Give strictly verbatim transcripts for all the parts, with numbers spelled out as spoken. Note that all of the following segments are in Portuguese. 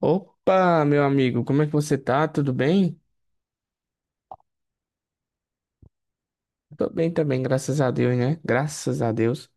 Opa, meu amigo, como é que você tá? Tudo bem? Tô bem também, graças a Deus, né? Graças a Deus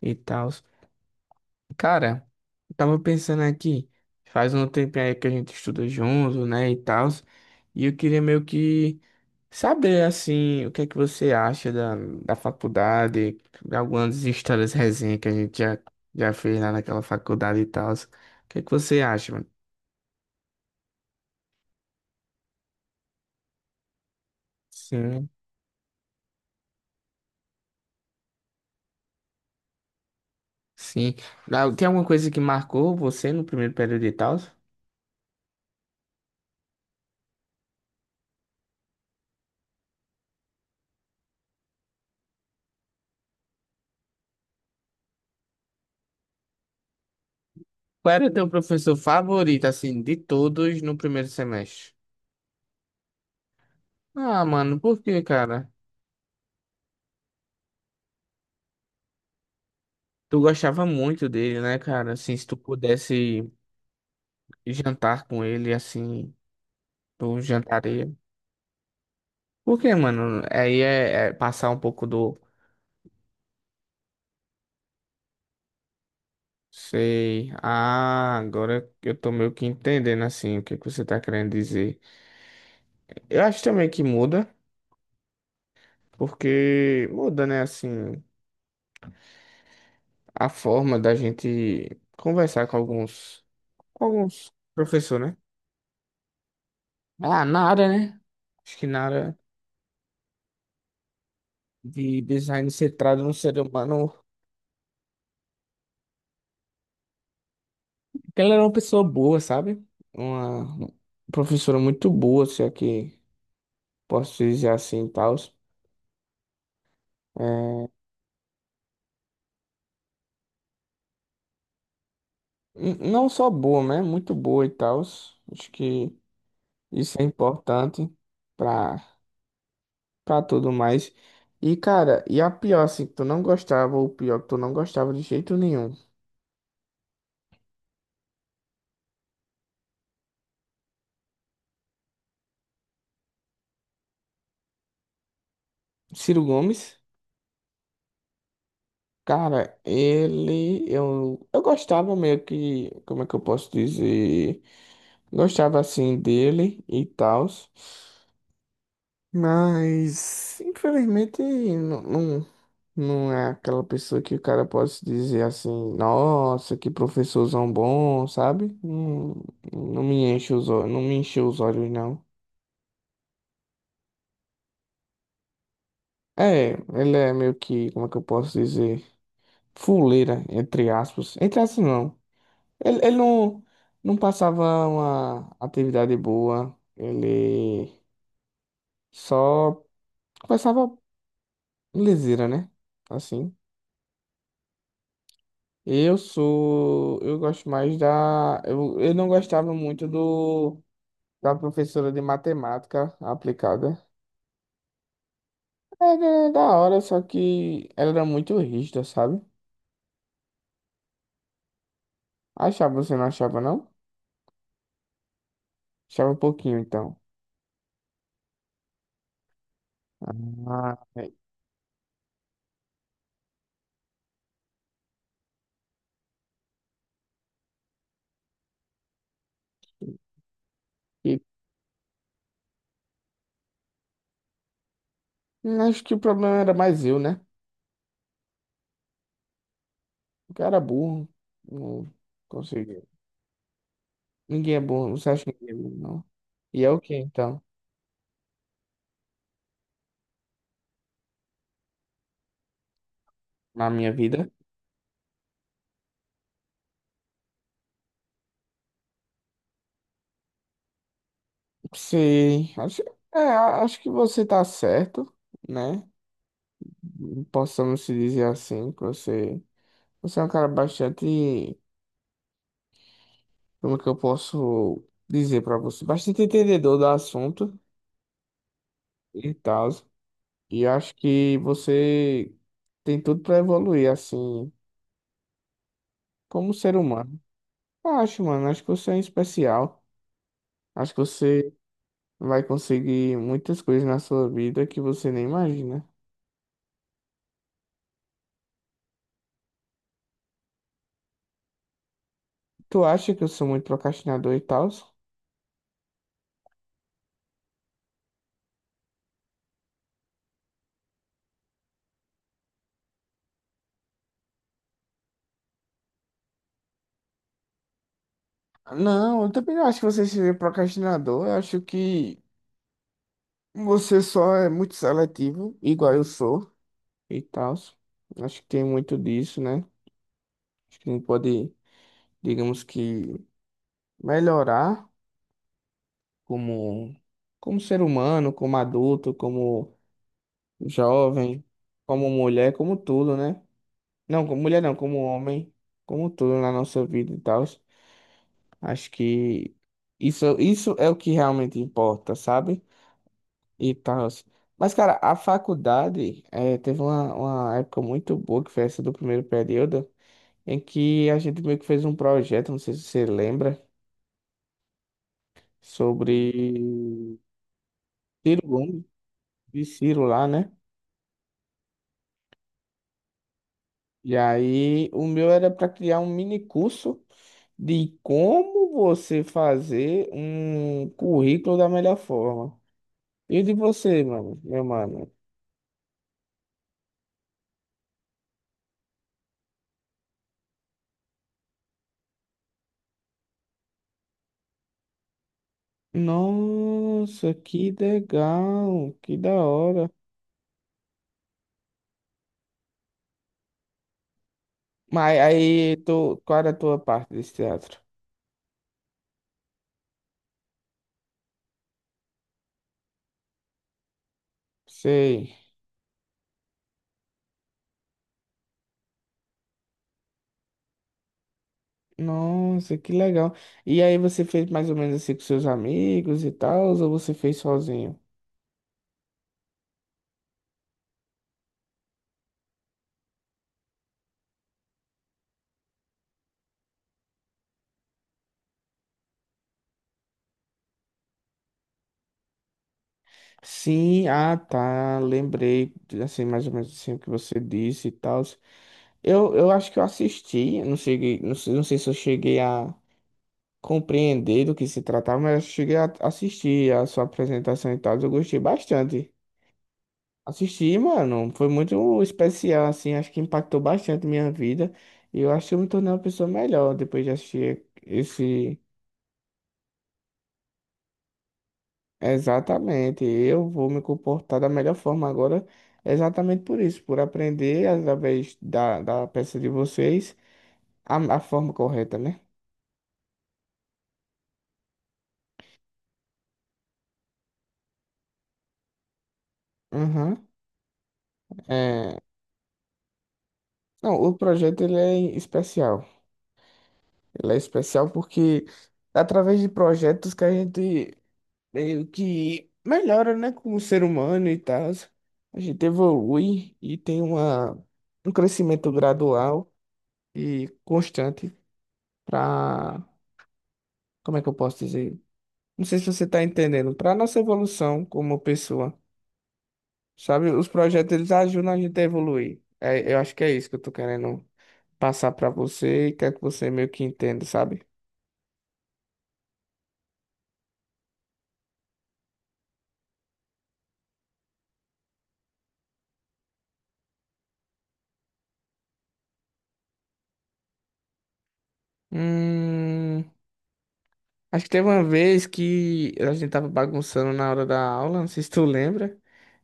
e tal. Cara, eu tava pensando aqui, faz um tempinho aí que a gente estuda junto, né, e tal. E eu queria meio que saber, assim, o que é que você acha da, da faculdade, algumas histórias resenha que a gente já, já fez lá naquela faculdade e tal. O que é que você acha, mano? Sim, sim. Ah, tem alguma coisa que marcou você no primeiro período e tal? Qual era teu professor favorito, assim, de todos no primeiro semestre? Ah, mano, por quê, cara? Tu gostava muito dele, né, cara? Assim, se tu pudesse jantar com ele, assim, tu jantaria. Por quê, mano? Aí é, é passar um pouco do... Sei. Ah, agora eu tô meio que entendendo, assim, o que que você tá querendo dizer. Eu acho também que muda, porque muda, né, assim, a forma da gente conversar com alguns... Com alguns professores, né? Ah, Nara, né? Acho que Nara de design centrado no ser humano. Porque ela era uma pessoa boa, sabe? Uma professora muito boa, se é que posso dizer assim e tal. Não só boa, né? Muito boa e tal. Acho que isso é importante pra, pra tudo mais. E, cara, e a pior, assim, que tu não gostava, ou pior que tu não gostava de jeito nenhum. Ciro Gomes. Cara, ele, eu, eu gostava meio que, como é que eu posso dizer? Gostava assim dele e tal, mas infelizmente não, não, não é aquela pessoa que o cara pode se dizer assim, nossa, que professorzão bom, sabe? Não, não me enche os olhos, não me encheu os olhos, não. É, ele é meio que, como é que eu posso dizer? Fuleira, entre aspas. Entre aspas, não. Ele, ele não, não passava uma atividade boa, ele só começava leseira, né? Assim. Eu sou. Eu gosto mais da. Eu, eu não gostava muito do da professora de matemática aplicada. Era da hora, só que ela era muito rígida, sabe? Achava, você não achava, não? Achava um pouquinho, então. Ah, é. E acho que o problema era mais eu, né? O cara é burro. Não conseguiu. Ninguém é burro. Você acha que ninguém é burro, não? E é o que, então? Na minha vida? Sim. Acho, é, a- acho que você tá certo, né? Possamos se dizer assim, que você, você é um cara bastante, como que eu posso dizer pra você? Bastante entendedor do assunto e tal. E acho que você tem tudo pra evoluir, assim, como ser humano. Eu acho, mano. Acho que você é um especial. Acho que você vai conseguir muitas coisas na sua vida que você nem imagina. Tu acha que eu sou muito procrastinador e tal? Não, eu também não acho que você seja procrastinador. Eu acho que você só é muito seletivo, igual eu sou e tal. Acho que tem muito disso, né? Acho que a gente pode, digamos que, melhorar como, como ser humano, como adulto, como jovem, como mulher, como tudo, né? Não, como mulher não, como homem, como tudo na nossa vida e tal. Acho que isso, isso é o que realmente importa, sabe? E tal. Mas, cara, a faculdade eh, teve uma, uma época muito boa, que foi essa do primeiro período, em que a gente meio que fez um projeto, não sei se você lembra, sobre Ciro Gomes, de Ciro lá, né? E aí o meu era para criar um mini curso de como você fazer um currículo da melhor forma. E o de você, mano, meu mano? Nossa, que legal, que da hora. Mas aí, tu, qual era a tua parte desse teatro? Sei. Nossa, que legal. E aí você fez mais ou menos assim com seus amigos e tal, ou você fez sozinho? Sim, ah tá, lembrei, assim, mais ou menos assim o que você disse e tal. Eu, eu acho que eu assisti, não cheguei, não sei, não sei se eu cheguei a compreender do que se tratava, mas eu cheguei a assistir a sua apresentação e tal, eu gostei bastante. Assisti, mano. Foi muito especial, assim. Acho que impactou bastante minha vida. E eu acho que eu me tornei uma pessoa melhor depois de assistir esse. Exatamente. Eu vou me comportar da melhor forma agora, exatamente por isso, por aprender através da, da peça de vocês a, a forma correta, né? Uhum. É... Não, o projeto ele é especial. Ele é especial porque é através de projetos que a gente meio que melhora, né, como ser humano e tal. A gente evolui e tem uma, um crescimento gradual e constante para, como é que eu posso dizer? Não sei se você está entendendo, para nossa evolução como pessoa, sabe? Os projetos eles ajudam a gente a evoluir. É, eu acho que é isso que eu tô querendo passar para você e quero que você meio que entenda, sabe? Hum, acho que teve uma vez que a gente tava bagunçando na hora da aula, não sei se tu lembra.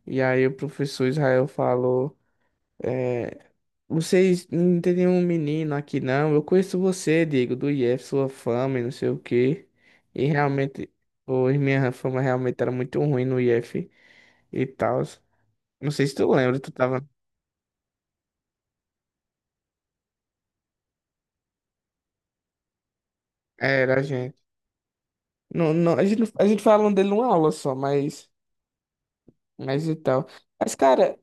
E aí o professor Israel falou, é, vocês não tem nenhum menino aqui não, eu conheço você, Diego, do I F, sua fama e não sei o quê. E realmente, hoje minha fama realmente era muito ruim no I F e tal. Não sei se tu lembra, tu tava... É, era a gente. Não, não, a gente, não- a gente falou dele numa aula só, mas... Mas e tal. Mas, cara,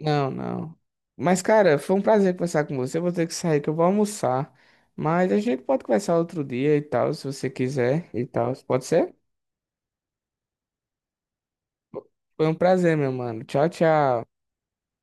não, não. Mas, cara, foi um prazer conversar com você. Eu vou ter que sair, que eu vou almoçar. Mas a gente pode conversar outro dia e tal, se você quiser e tal. Pode ser? Foi um prazer, meu mano. Tchau, tchau.